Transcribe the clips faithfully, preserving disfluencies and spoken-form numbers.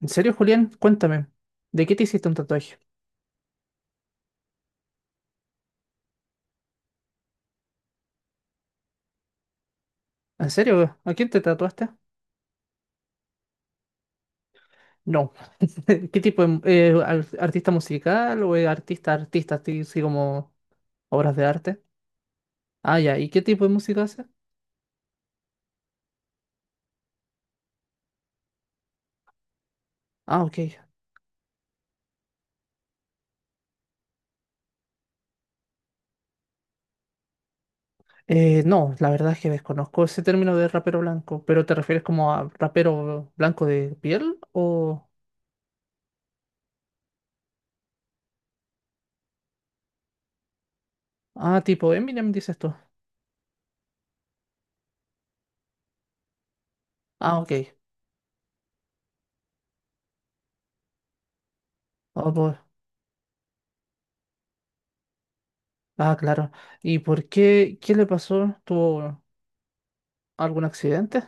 ¿En serio, Julián? Cuéntame, ¿de qué te hiciste un tatuaje? ¿En serio? ¿A quién te tatuaste? No. ¿Qué tipo de eh, ar- artista musical o eh, artista artista, así así como obras de arte? Ah, ya. ¿Y qué tipo de música hace? Ah, ok. Eh, no, la verdad es que desconozco ese término de rapero blanco, pero ¿te refieres como a rapero blanco de piel o ah, tipo Eminem dices tú? Ah, ok. Ah, pues- ah, claro. ¿Y por qué? ¿Qué le pasó? ¿Tuvo algún accidente?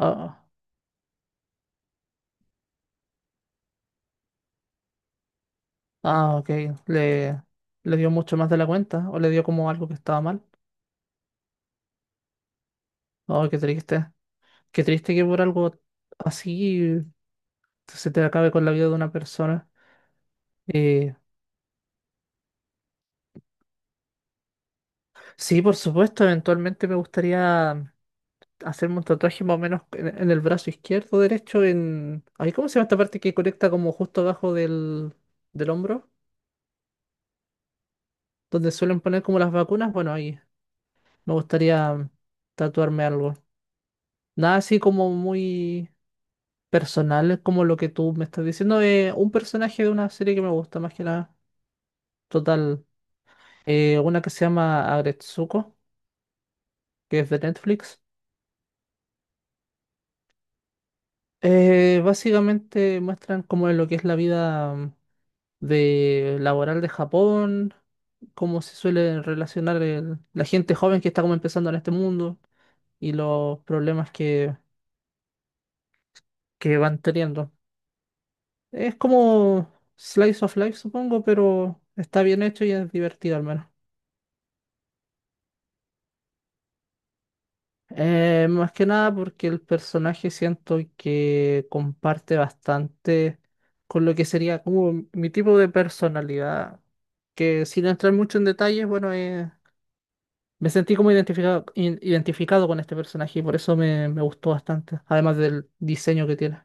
Ah. Ah, ok. Le, le dio mucho más de la cuenta. O le dio como algo que estaba mal. Oh, qué triste. Qué triste que por algo así se te acabe con la vida de una persona. Eh, sí, por supuesto. Eventualmente me gustaría hacerme un tatuaje más o menos en, en el brazo izquierdo, derecho, en... Ay, ¿cómo se llama esta parte que conecta como justo abajo del, del hombro? Donde suelen poner como las vacunas. Bueno, ahí me gustaría tatuarme algo. Nada así como muy... personal como lo que tú me estás diciendo. Eh, un personaje de una serie que me gusta más que nada. Total. Eh, una que se llama Agretsuko, que es de Netflix. Eh, básicamente muestran cómo es lo que es la vida mm, de laboral de Japón, cómo se suele relacionar el- la gente joven que está como empezando en este mundo y los problemas que, que van teniendo. Es como Slice of Life, supongo, pero está bien hecho y es divertido al menos. Eh, más que nada porque el personaje siento que comparte bastante con lo que sería como mi tipo de personalidad, que sin entrar mucho en detalles, bueno, eh, me sentí como identificado, in- identificado con este personaje y por eso me, me gustó bastante, además del diseño que tiene.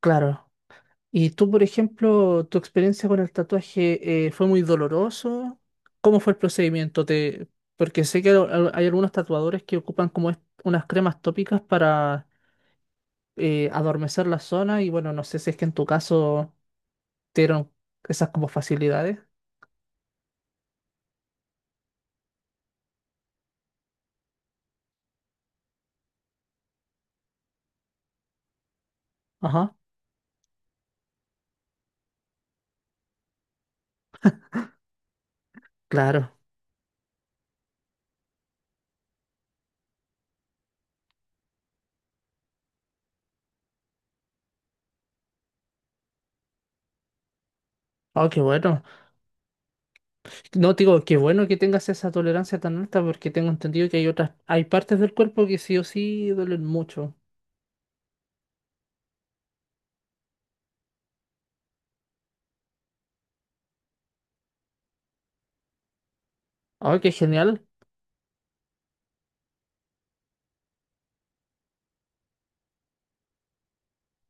Claro. ¿Y tú, por ejemplo, tu experiencia con el tatuaje eh, fue muy doloroso? ¿Cómo fue el procedimiento? ¿Te... Porque sé que al- al- hay algunos tatuadores que ocupan como est- unas cremas tópicas para eh, adormecer la zona y bueno, no sé si es que en tu caso te dieron esas como facilidades. Ajá, claro. Oh, qué bueno. No, te digo, qué bueno que tengas esa tolerancia tan alta porque tengo entendido que hay otras, hay partes del cuerpo que sí o sí duelen mucho. Oh, qué genial,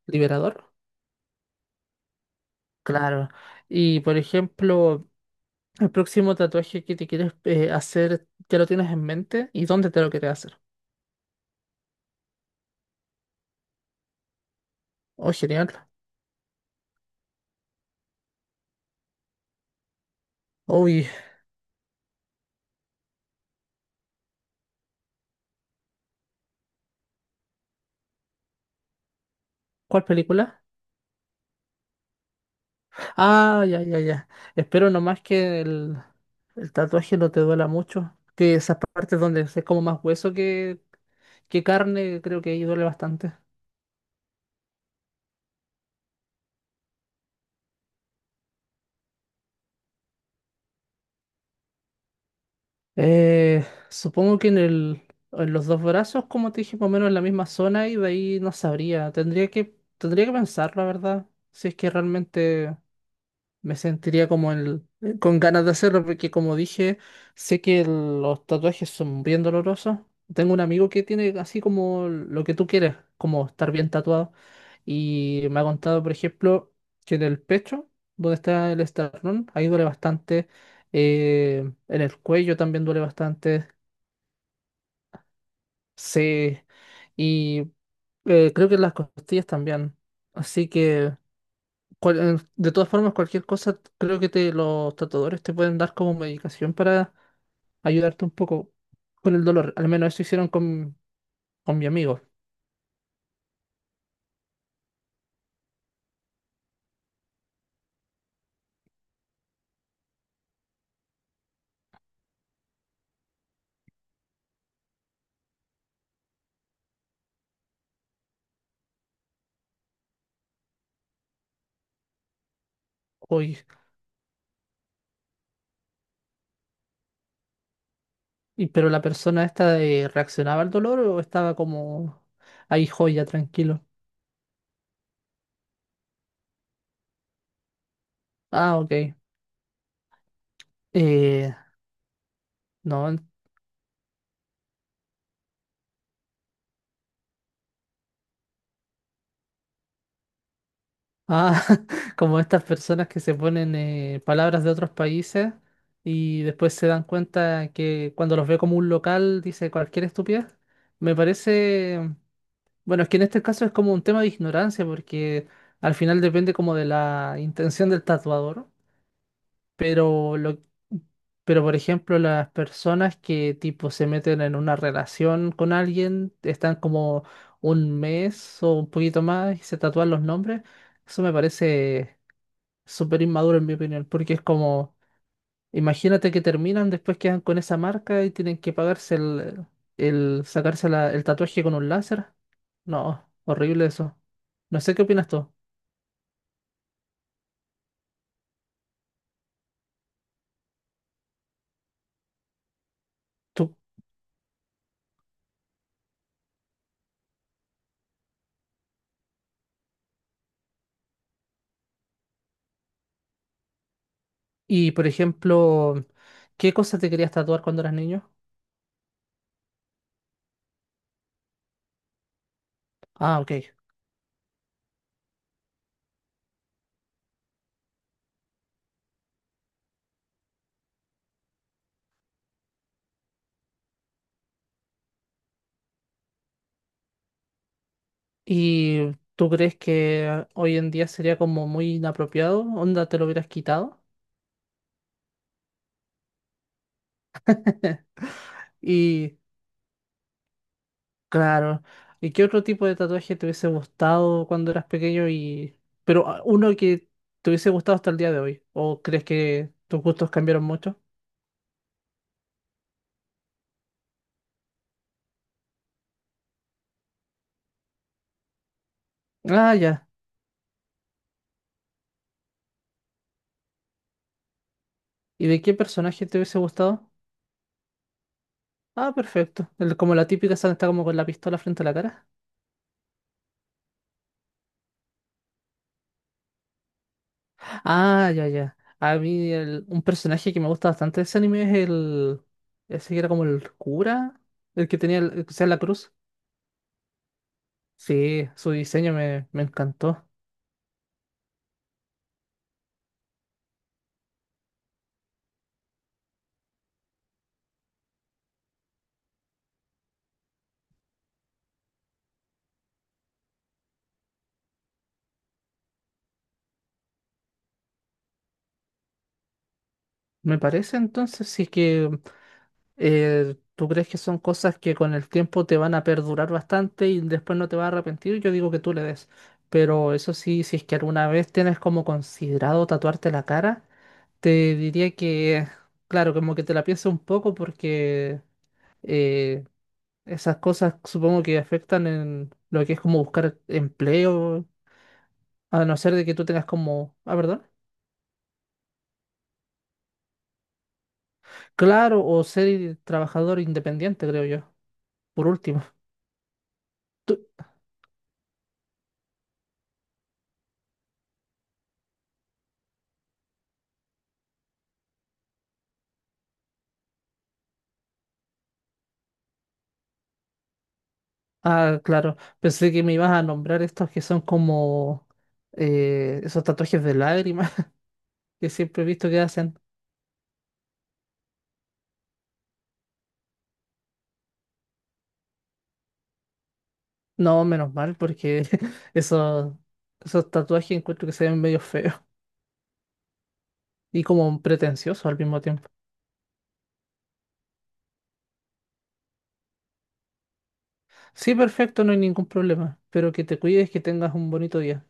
liberador. Claro. Y por ejemplo, el próximo tatuaje que te quieres eh, hacer, ¿ya lo tienes en mente? ¿Y dónde te lo quieres hacer? Oh, genial. Uy, ¿cuál película? Ah, ya, ya, ya. Espero nomás que el, el tatuaje no te duela mucho. Que esas partes donde es como más hueso que, que carne, creo que ahí duele bastante. Eh, Supongo que en el, en los dos brazos, como te dije, más o menos en la misma zona y de ahí no sabría. Tendría que, tendría que pensar, la verdad. Si es que realmente. Me sentiría como el, con ganas de hacerlo porque como dije, sé que el- los tatuajes son bien dolorosos. Tengo un amigo que tiene así como lo que tú quieres, como estar bien tatuado. Y me ha contado, por ejemplo, que en el pecho, donde está el esternón, ahí duele bastante. Eh, en el cuello también duele bastante. Sí. Y eh, creo que en las costillas también. Así que cual- eh, de todas formas, cualquier cosa, creo que te, los tatuadores te pueden dar como medicación para ayudarte un poco con el dolor. Al menos eso hicieron con, con mi amigo. Hoy. Y, pero la persona esta eh, reaccionaba al dolor o estaba como ahí joya, tranquilo. Ah, ok. Eh, no. en- Ah, como estas personas que se ponen eh, palabras de otros países y después se dan cuenta que cuando los ve como un local dice cualquier estupidez. Me parece. Bueno, es que en este caso es como un tema de ignorancia, porque al final depende como de la intención del tatuador, pero lo, pero por ejemplo las personas que tipo se meten en una relación con alguien, están como un mes o un poquito más y se tatúan los nombres, eso me parece súper inmaduro en mi opinión, porque es como imagínate que terminan, después quedan con esa marca y tienen que pagarse el, el sacarse la- el tatuaje con un láser. No, horrible eso. No sé qué opinas tú. Tú, y por ejemplo, ¿qué cosas te querías tatuar cuando eras niño? Ah, ok. ¿Y tú crees que hoy en día sería como muy inapropiado? ¿Onda te lo hubieras quitado? Y claro. ¿Y qué otro tipo de tatuaje te hubiese gustado cuando eras pequeño y... pero ah, uno que te hubiese gustado hasta el día de hoy? ¿O crees que tus gustos cambiaron mucho? Ah, ya. ¿Y de qué personaje te hubiese gustado? Ah, perfecto. El- como la típica esa que está como con la pistola frente a la cara. Ah, ya, ya. A mí el- un personaje que me gusta bastante de ese anime es el... Ese que era como el cura, el que tenía, el, el que sea la cruz. Sí, su diseño me, me encantó. Me parece entonces, sí que eh, ¿tú crees que son cosas que con el tiempo te van a perdurar bastante y después no te vas a arrepentir? Yo digo que tú le des. Pero eso sí, si es que alguna vez tienes como considerado tatuarte la cara, te diría que, claro, como que te la pienses un poco porque eh, esas cosas supongo que afectan en lo que es como buscar empleo, a no ser de que tú tengas como, ah, perdón, claro, o ser trabajador independiente, creo yo, por último. ¿Tú, ah, claro. Pensé que me ibas a nombrar estos que son como eh, esos tatuajes de lágrimas que siempre he visto que hacen. No, menos mal, porque esos, esos tatuajes encuentro que se ven medio feos y como pretenciosos al mismo tiempo. Sí, perfecto, no hay ningún problema. Pero que te cuides, que tengas un bonito día.